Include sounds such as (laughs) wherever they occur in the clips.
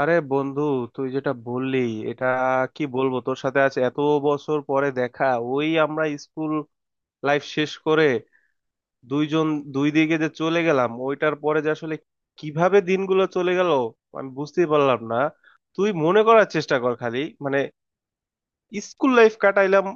আরে বন্ধু, তুই যেটা বললি এটা কি বলবো। তোর সাথে আজ এত বছর পরে দেখা। ওই আমরা স্কুল লাইফ শেষ করে দুইজন দুই দিকে যে চলে গেলাম ওইটার পরে যে আসলে কিভাবে দিনগুলো চলে গেল আমি বুঝতেই পারলাম না। তুই মনে করার চেষ্টা কর খালি। মানে স্কুল লাইফ কাটাইলাম,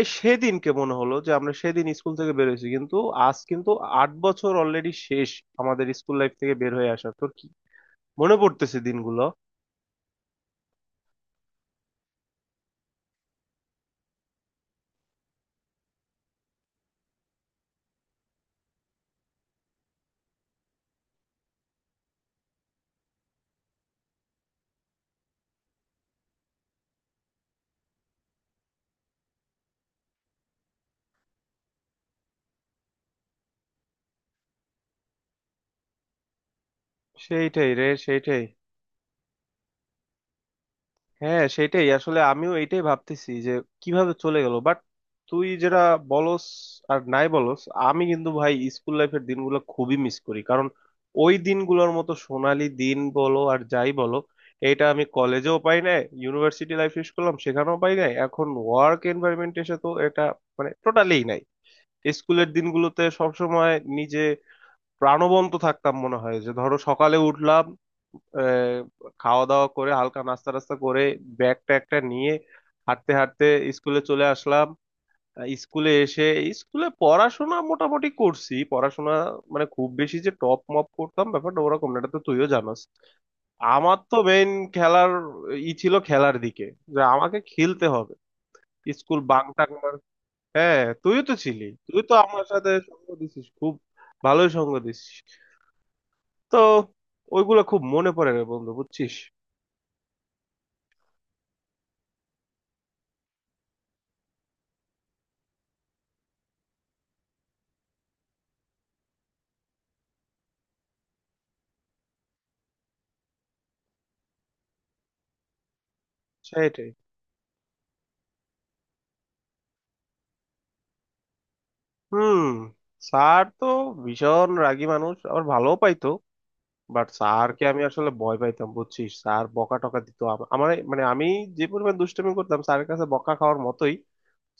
এ সেদিনকে মনে হলো যে আমরা সেদিন স্কুল থেকে বের হয়েছি, কিন্তু আজ কিন্তু 8 বছর অলরেডি শেষ আমাদের স্কুল লাইফ থেকে বের হয়ে আসা। তোর কি মনে পড়তেছে দিনগুলো? সেইটাই রে, সেইটাই। হ্যাঁ, সেটাই আসলে, আমিও এটাই ভাবতেছি যে কিভাবে চলে গেল। বাট তুই যেটা বলস আর নাই বলস, আমি কিন্তু ভাই স্কুল লাইফের দিনগুলো খুবই মিস করি, কারণ ওই দিনগুলোর মতো সোনালি দিন বলো আর যাই বলো, এটা আমি কলেজেও পাই নাই, ইউনিভার্সিটি লাইফ শেষ করলাম সেখানেও পাই নাই, এখন ওয়ার্ক এনভায়রনমেন্ট এসে তো এটা মানে টোটালি নাই। স্কুলের দিনগুলোতে সবসময় নিজে প্রাণবন্ত থাকতাম। মনে হয় যে ধরো সকালে উঠলাম, আহ, খাওয়া দাওয়া করে হালকা নাস্তা টাস্তা করে ব্যাগ ট্যাগটা নিয়ে হাঁটতে হাঁটতে স্কুলে চলে আসলাম। স্কুলে এসে স্কুলে পড়াশোনা মোটামুটি করছি। পড়াশোনা মানে খুব বেশি যে টপ মপ করতাম ব্যাপারটা ওরকম না, এটা তো তুইও জানাস। আমার তো মেইন খেলার ই ছিল, খেলার দিকে যে আমাকে খেলতে হবে। স্কুল বাং টাং মার- হ্যাঁ তুইও তো ছিলি, তুই তো আমার সাথে সঙ্গ দিছিস খুব, ভালোই সঙ্গ দিছিস। তো ওইগুলা খুব মনে পড়ে রে বন্ধু, বুঝছিস? সেটাই। হুম। স্যার তো ভীষণ রাগী মানুষ, আবার ভালো পাইতো। বাট স্যারকে আমি আসলে ভয় পাইতাম বুঝছিস। স্যার বকা টকা দিত, আমার মানে আমি যে পরিমাণ দুষ্টামি করতাম স্যারের কাছে বকা খাওয়ার মতোই।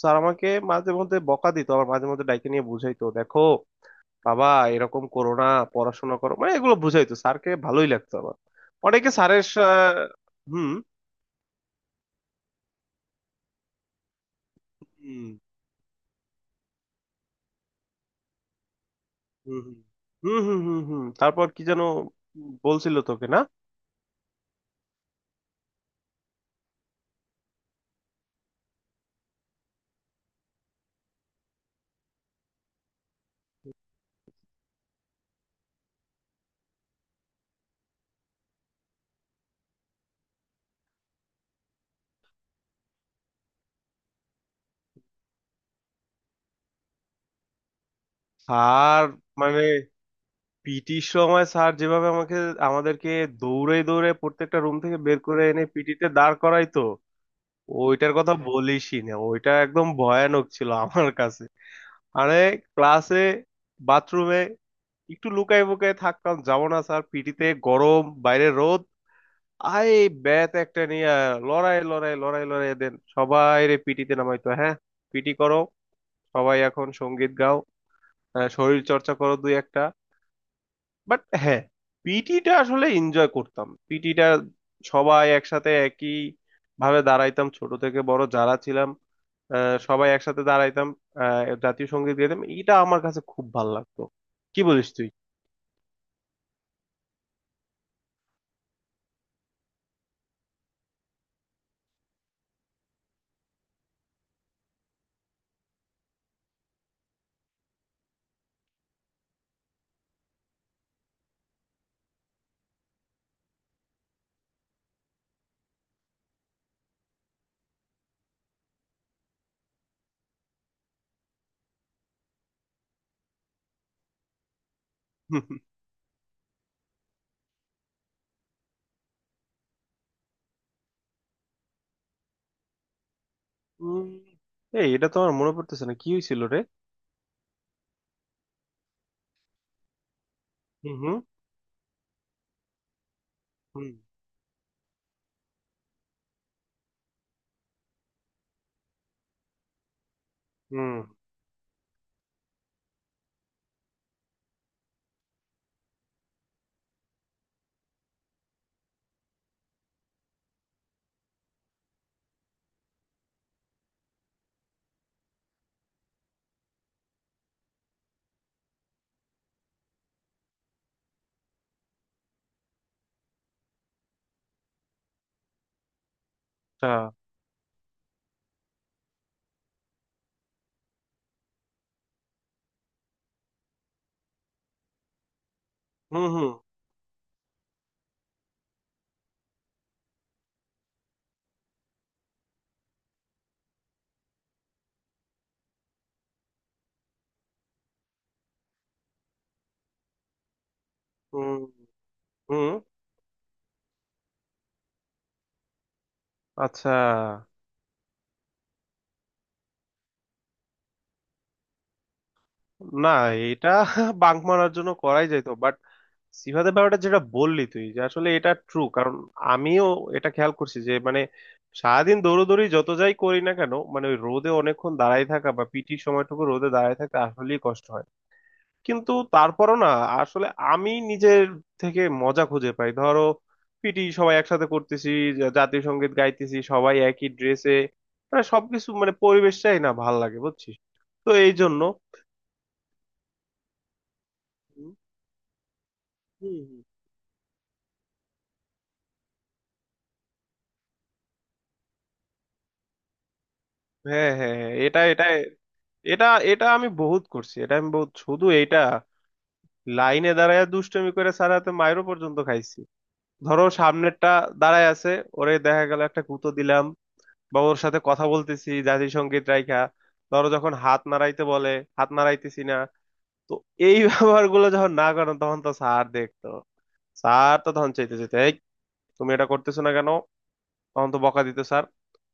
স্যার আমাকে মাঝে মধ্যে বকা দিত, আবার মাঝে মধ্যে ডাইকে নিয়ে বুঝাইতো, দেখো বাবা এরকম করো না, পড়াশোনা করো, মানে এগুলো বুঝাইতো। স্যারকে ভালোই লাগতো আমার। অনেকে স্যারের সা- হুম। হুম হুম হুম হুম হুম হুম। তারপর কি যেন বলছিল তোকে না? স্যার মানে পিটির সময় স্যার যেভাবে আমাকে আমাদেরকে দৌড়ে দৌড়ে প্রত্যেকটা রুম থেকে বের করে এনে পিটিতে দাঁড় করাইতো, ওইটার কথা বলিসই না, ওইটা একদম ভয়ানক ছিল আমার কাছে। আরে ক্লাসে, বাথরুমে একটু লুকাই বুকাই থাকতাম, যাবো না স্যার পিটিতে, গরম বাইরে রোদ। আয় ব্যাত একটা নিয়ে, লড়াই লড়াই লড়াই লড়াই দেন সবাই রে পিটিতে নামাইতো। হ্যাঁ পিটি করো, সবাই এখন সঙ্গীত গাও, শরীর চর্চা করো দুই একটা। বাট হ্যাঁ, পিটিটা আসলে এনজয় করতাম, পিটিটা সবাই একসাথে একই ভাবে দাঁড়াইতাম, ছোট থেকে বড় যারা ছিলাম, সবাই একসাথে দাঁড়াইতাম, জাতীয় সঙ্গীত গাইতাম, এটা আমার কাছে খুব ভালো লাগতো। কি বলিস তুই? (laughs) উম, এই এটা তো আমার মনে পড়তেছে না কি হয়েছিল রে? হুম হুম হুম হুম। আচ্ছা। হুম হুম হুম হুম। আচ্ছা। না, এটা (laughs) বাঙ্ক মারার জন্য করাই যেত। বাট সিফাতের ব্যাপারটা যেটা বললি তুই, যে আসলে এটা ট্রু, কারণ আমিও এটা খেয়াল করছি যে মানে সারাদিন দৌড়োদৌড়ি যত যাই করি না কেন, মানে ওই রোদে অনেকক্ষণ দাঁড়ায় থাকা বা পিটির সময়টুকু রোদে দাঁড়ায় থাকতে আসলেই কষ্ট হয়। কিন্তু তারপরও না, আসলে আমি নিজের থেকে মজা খুঁজে পাই। ধরো পিটি সবাই একসাথে করতেছি, জাতীয় সঙ্গীত গাইতেছি সবাই একই ড্রেসে, মানে সবকিছু মানে পরিবেশটাই না ভাল লাগে বুঝছিস। তো এই জন্য হুম হুম হুম। হ্যাঁ হ্যাঁ হ্যাঁ, এটা এটা, এটা আমি বহুত করছি, এটা আমি বহুত, শুধু এইটা লাইনে দাঁড়ায় দুষ্টুমি করে স্যার হাতে মাইরও পর্যন্ত খাইছি। ধরো সামনেরটা দাঁড়ায় আছে, ওরে দেখা গেল একটা কুতো দিলাম, বা ওর সাথে কথা বলতেছি জাতিসংগীত রাইখা। ধরো যখন হাত নাড়াইতে বলে, হাত নাড়াইতেছি না। তো এই (laughs) ব্যবহার গুলো যখন না করো তখন তো স্যার দেখতো। স্যার তো তখন চাইতে চাইতে, এই তুমি এটা করতেছো না কেন, তখন তো বকা দিত স্যার।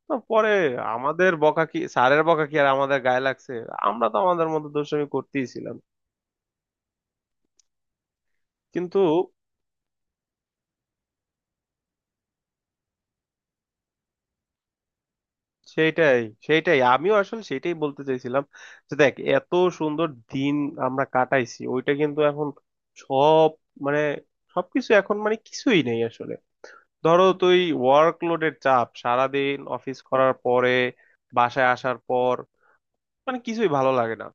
তো পরে আমাদের বকা কি, স্যারের বকা কি আর আমাদের গায়ে লাগছে। আমরা তো আমাদের মতো দুষ্টামি করতেই ছিলাম। কিন্তু সেইটাই, সেইটাই, আমিও আসলে সেটাই বলতে চাইছিলাম, যে দেখ এত সুন্দর দিন আমরা কাটাইছি, ওইটা কিন্তু এখন সব মানে সবকিছু এখন মানে কিছুই নেই আসলে। ধরো তুই ওয়ার্কলোডের চাপ, সারাদিন অফিস করার পরে বাসায় আসার পর মানে কিছুই ভালো লাগে না।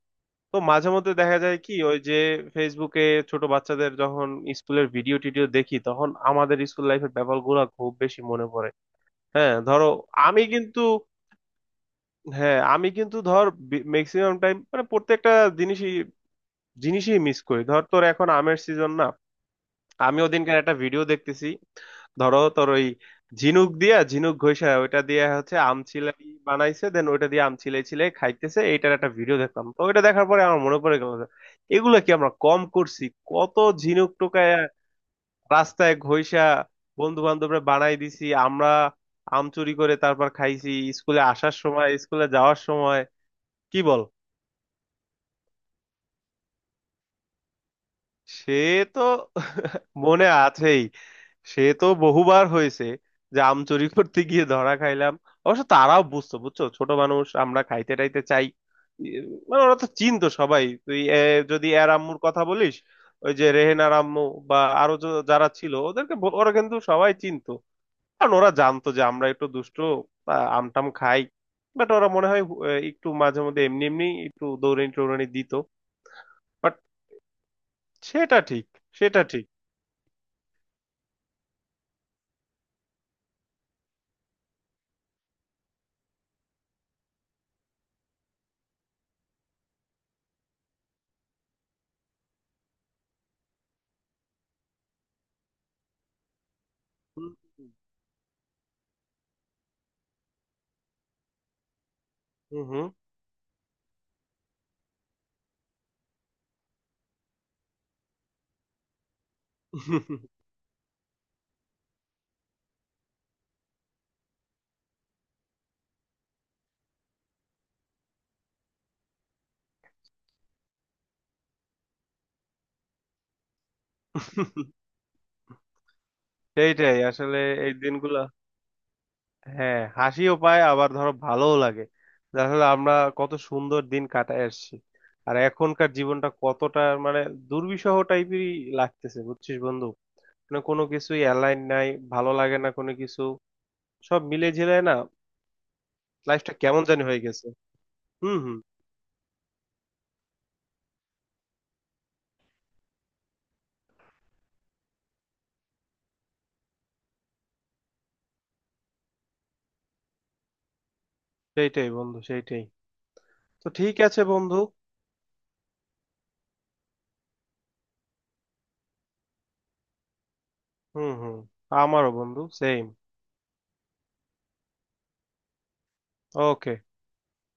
তো মাঝে মধ্যে দেখা যায় কি, ওই যে ফেসবুকে ছোট বাচ্চাদের যখন স্কুলের ভিডিও টিডিও দেখি তখন আমাদের স্কুল লাইফের ব্যাপারগুলো খুব বেশি মনে পড়ে। হ্যাঁ ধরো, আমি কিন্তু, হ্যাঁ আমি কিন্তু ধর ম্যাক্সিমাম টাইম মানে প্রত্যেকটা জিনিসই জিনিসই মিস করি। ধর তোর এখন আমের সিজন না, আমি ওদিনকার একটা ভিডিও দেখতেছি। ধরো তোর ওই ঝিনুক দিয়া ঝিনুক ঘষা, ওইটা দিয়ে হচ্ছে আমচিলাই বানাইছে, দেন ওইটা দিয়ে আমচিলাই চিলাই খাইতেছে, এইটার একটা ভিডিও দেখলাম। তো ওইটা দেখার পরে আমার মনে পড়ে গেল যে, এগুলা কি আমরা কম করছি। কত ঝিনুক টোকায় রাস্তায় ঘষা বন্ধু বান্ধবরা বানাই দিছি আমরা, আম চুরি করে তারপর খাইছি স্কুলে আসার সময় স্কুলে যাওয়ার সময়। কি বল, সে তো মনে আছেই, সে তো বহুবার হয়েছে যে আম চুরি করতে গিয়ে ধরা খাইলাম। অবশ্য তারাও বুঝতো, বুঝছো ছোট মানুষ আমরা খাইতে টাইতে চাই। ই- মানে ওরা তো চিনতো সবাই, তুই যদি এর আম্মুর কথা বলিস, ওই যে রেহেনার আম্মু, বা আরো যারা ছিল ওদেরকে ওরা কিন্তু সবাই চিনতো। কারণ ওরা জানতো যে আমরা একটু দুষ্ট, আমটাম খাই। বাট ওরা মনে হয় একটু মাঝে মধ্যে এমনি এমনি একটু দৌড়ানি টৌড়ানি দিত। বাট সেটা ঠিক, সেটা ঠিক। হুম হুম হুম, হুম। সেইটাই আসলে, এই দিনগুলা। হ্যাঁ হাসিও পায়, আবার ধরো ভালোও লাগে, যে আসলে আমরা কত সুন্দর দিন কাটায় আসছি, আর এখনকার জীবনটা কতটা মানে দুর্বিষহ টাইপেরই লাগতেছে বুঝছিস বন্ধু। মানে কোনো কিছুই অ্যালাইন নাই, ভালো লাগে না কোনো কিছু, সব মিলে ঝিলে না। লাইফটা কেমন জানি হয়ে গেছে। হুম হুম। সেইটাই বন্ধু, সেইটাই। তো ঠিক আছে বন্ধু। হুম হুম। আমারও বন্ধু সেম। ওকে।